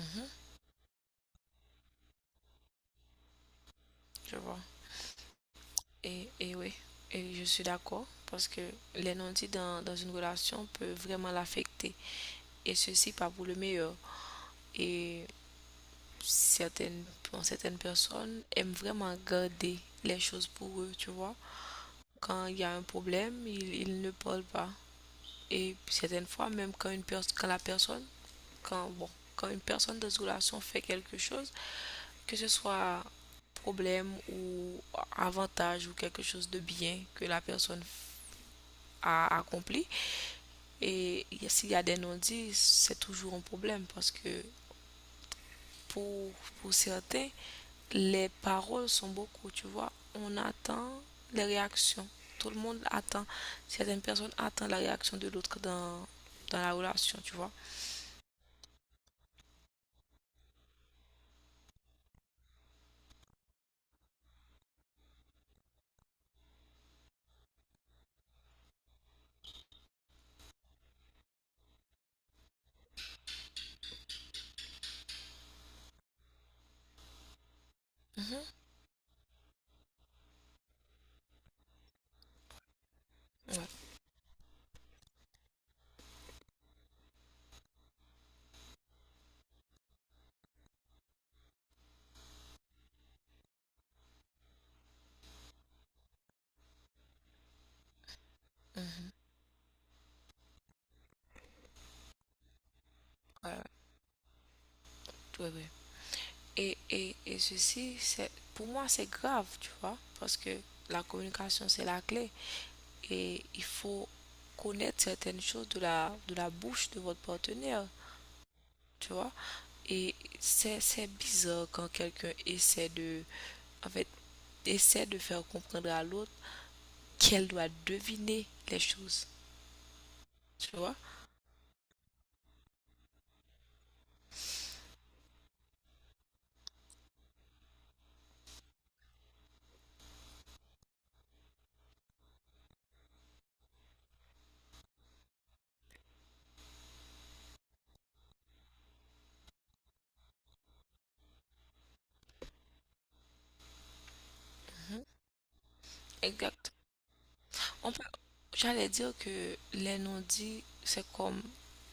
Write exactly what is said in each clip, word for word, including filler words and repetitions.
Mhm, je vois. Et, et oui, et je suis d'accord parce que les non-dits dans, dans une relation peut vraiment l'affecter. Et ceci pas pour le meilleur. Et certaines, pour certaines personnes aiment vraiment garder les choses pour eux, tu vois. Quand il y a un problème, ils, ils ne parlent pas. Et certaines fois, même quand, une personne quand la personne, quand, bon, quand une personne dans une relation fait quelque chose, que ce soit problème ou avantage ou quelque chose de bien que la personne à accomplir. Et s'il y a des non-dits, c'est toujours un problème parce que pour, pour certains, les paroles sont beaucoup, tu vois. On attend les réactions. Tout le monde attend. Certaines personnes attendent la réaction de l'autre dans, dans la relation, tu vois. Mhm, mhm. Ouais, ouais, ouais, ouais. Et, et, et ceci, c'est, pour moi, c'est grave, tu vois, parce que la communication, c'est la clé. Et il faut connaître certaines choses de la, de la bouche de votre partenaire. Tu vois. Et c'est c'est bizarre quand quelqu'un essaie de, en fait, essaie de faire comprendre à l'autre qu'elle doit deviner les choses, tu vois. Mhm. Exact. On peut- J'allais dire que les non-dits, c'est comme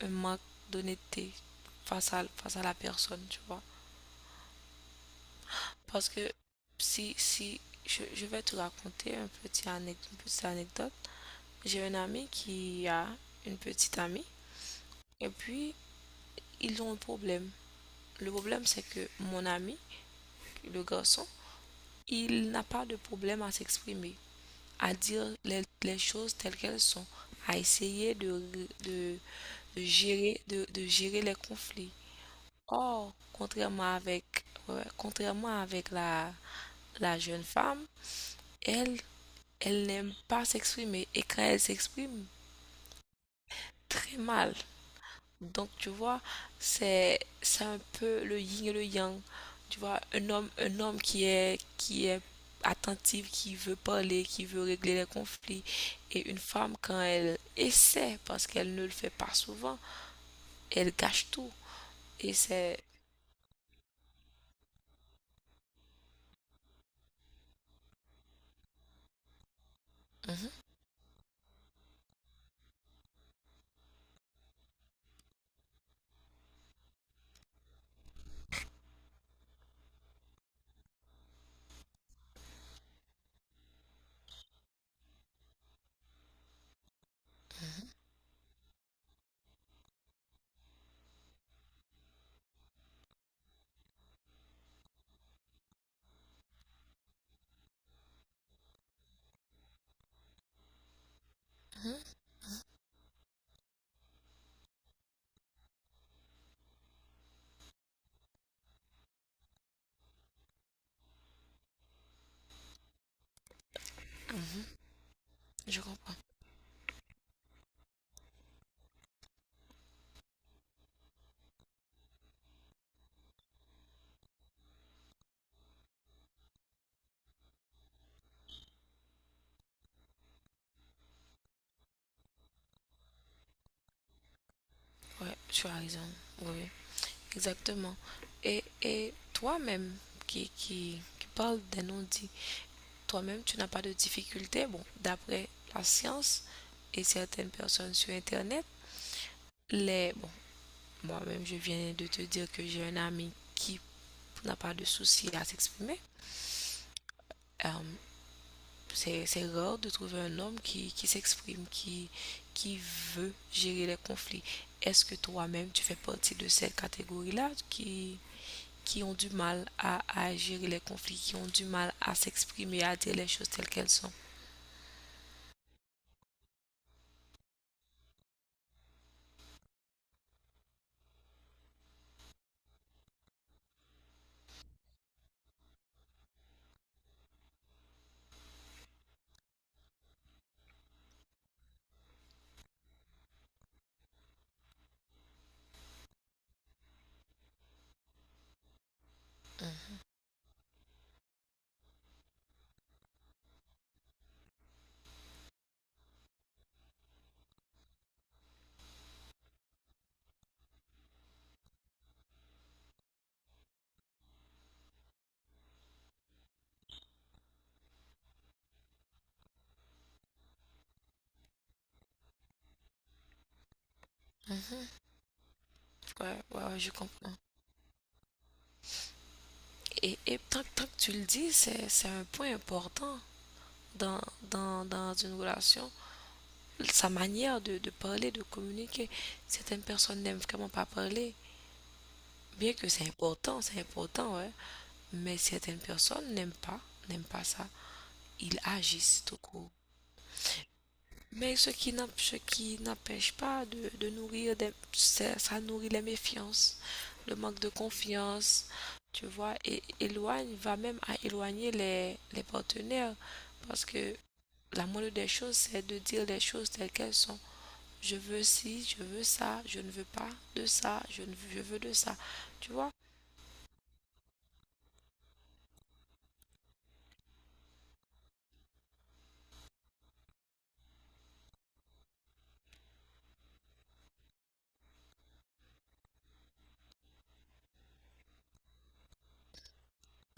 un manque d'honnêteté face à, face à la personne, tu vois. Parce que si, si, je, je vais te raconter un petit anec- une petite anecdote. J'ai un ami qui a une petite amie, et puis ils ont un problème. Le problème, c'est que mon ami, le garçon, il n'a pas de problème à s'exprimer, à dire les, les choses telles qu'elles sont, à essayer de, de, de gérer, de, de gérer les conflits. Or, contrairement avec, ouais, contrairement avec la, la jeune femme, elle, elle n'aime pas s'exprimer. Et quand elle s'exprime, très mal. Donc, tu vois, c'est c'est un peu le yin et le yang. Tu vois, un homme, un homme qui est, qui est attentif, qui veut parler, qui veut régler les conflits. Et une femme, quand elle essaie, parce qu'elle ne le fait pas souvent, elle gâche tout. Et c'est... Mhm, mhm, je comprends. Ouais, tu as raison. Oui, exactement. Et, et toi-même, qui, qui, qui parle des non-dits, toi-même, tu n'as pas de difficultés. Bon, d'après la science et certaines personnes sur Internet, les... Bon, moi-même, je viens de te dire que j'ai un ami qui n'a pas de souci à s'exprimer. Euh, c'est rare de trouver un homme qui, qui s'exprime, qui, qui veut gérer les conflits. Est-ce que toi-même, tu fais partie de cette catégorie-là qui, qui ont du mal à, à gérer les conflits, qui ont du mal à s'exprimer, à dire les choses telles qu'elles sont? Mm. Ouais, ouais, ouais, je comprends. Et, et tant, que- tant que tu le dis, c'est, c'est un point important dans, dans, dans une relation. Sa manière de, de parler, de communiquer. Certaines personnes n'aiment vraiment pas parler. Bien que c'est important, c'est important, ouais. Mais certaines personnes n'aiment pas, n'aiment pas ça. Ils agissent tout court. Mais ce qui n'emp- qui n'empêche pas de, de nourrir des, ça, nourrit les méfiances, le manque de confiance, tu vois, et éloigne, va même à éloigner les, les partenaires. Parce que la moindre des choses, c'est de dire les choses telles qu'elles sont. Je veux ci, je veux ça, je ne veux pas de ça, je ne je veux de ça. Tu vois?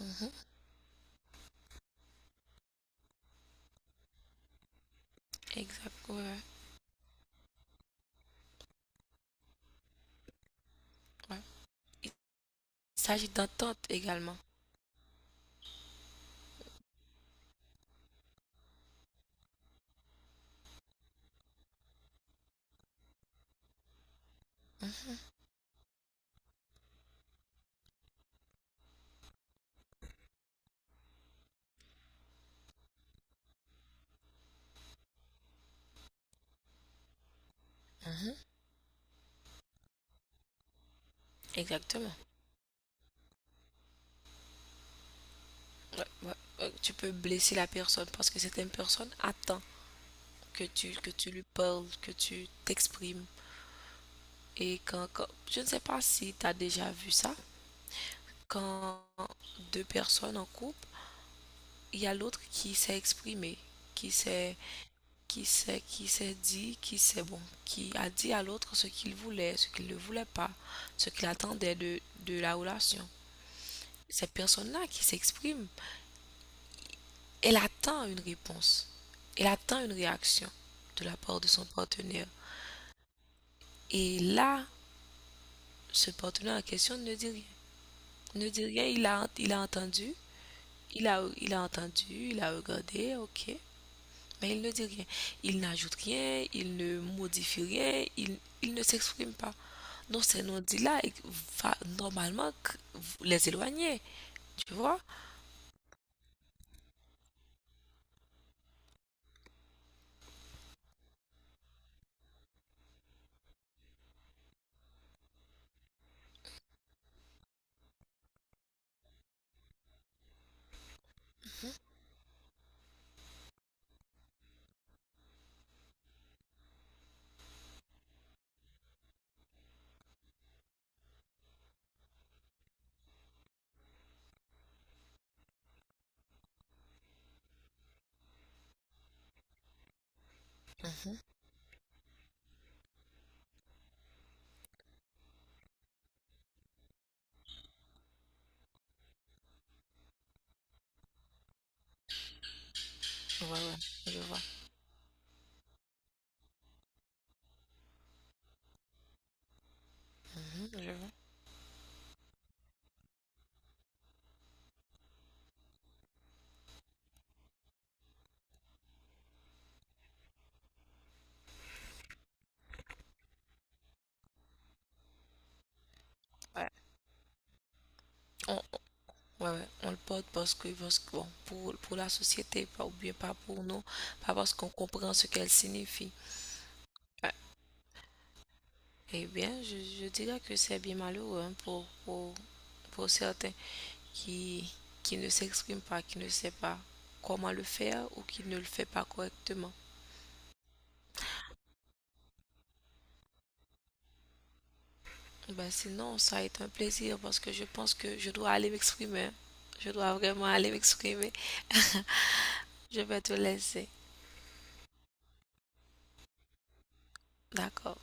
Mhm. Exact. Ouais, ouais. Il s'agit d'entente également. Mhm. Exactement. Ouais, ouais, ouais, tu peux blesser la personne parce que certaines personnes attendent que tu, que tu lui parles, que tu t'exprimes. Et quand, quand- je ne sais pas si tu as déjà vu ça, quand deux personnes en couple, il y a l'autre qui s'est exprimé, qui s'est, qui s'est, qui s'est dit, qui s'est bon, qui a dit à l'autre ce qu'il voulait, ce qu'il ne voulait pas, ce qu'il attendait de, de la relation. Ces personnes-là qui s'expriment. Elle attend une réponse, elle attend une réaction de la part de son partenaire. Et là, ce partenaire en question ne dit rien. Ne dit rien, il a, il a entendu, il a, il a entendu, il a regardé, ok, mais il ne dit rien. Il n'ajoute rien, il ne modifie rien, il, il ne s'exprime pas. Donc ces non-dits-là, va normalement les éloigner, tu vois? Ouais, ouais, je vois. Mhm, je vois. Ouais. On, Ouais, ouais, on le porte parce que, parce que, bon, pour, pour la société, pas, ou bien pas pour nous, pas parce qu'on comprend ce qu'elle signifie. Ouais. Eh bien, je, je dirais que c'est bien malheureux hein, pour, pour, pour certains qui, qui ne s'expriment pas, qui ne savent pas comment le faire ou qui ne le fait pas correctement. Ben, sinon, ça est un plaisir parce que je pense que je dois aller m'exprimer, hein. Je dois vraiment aller m'exprimer. Je vais te laisser. D'accord.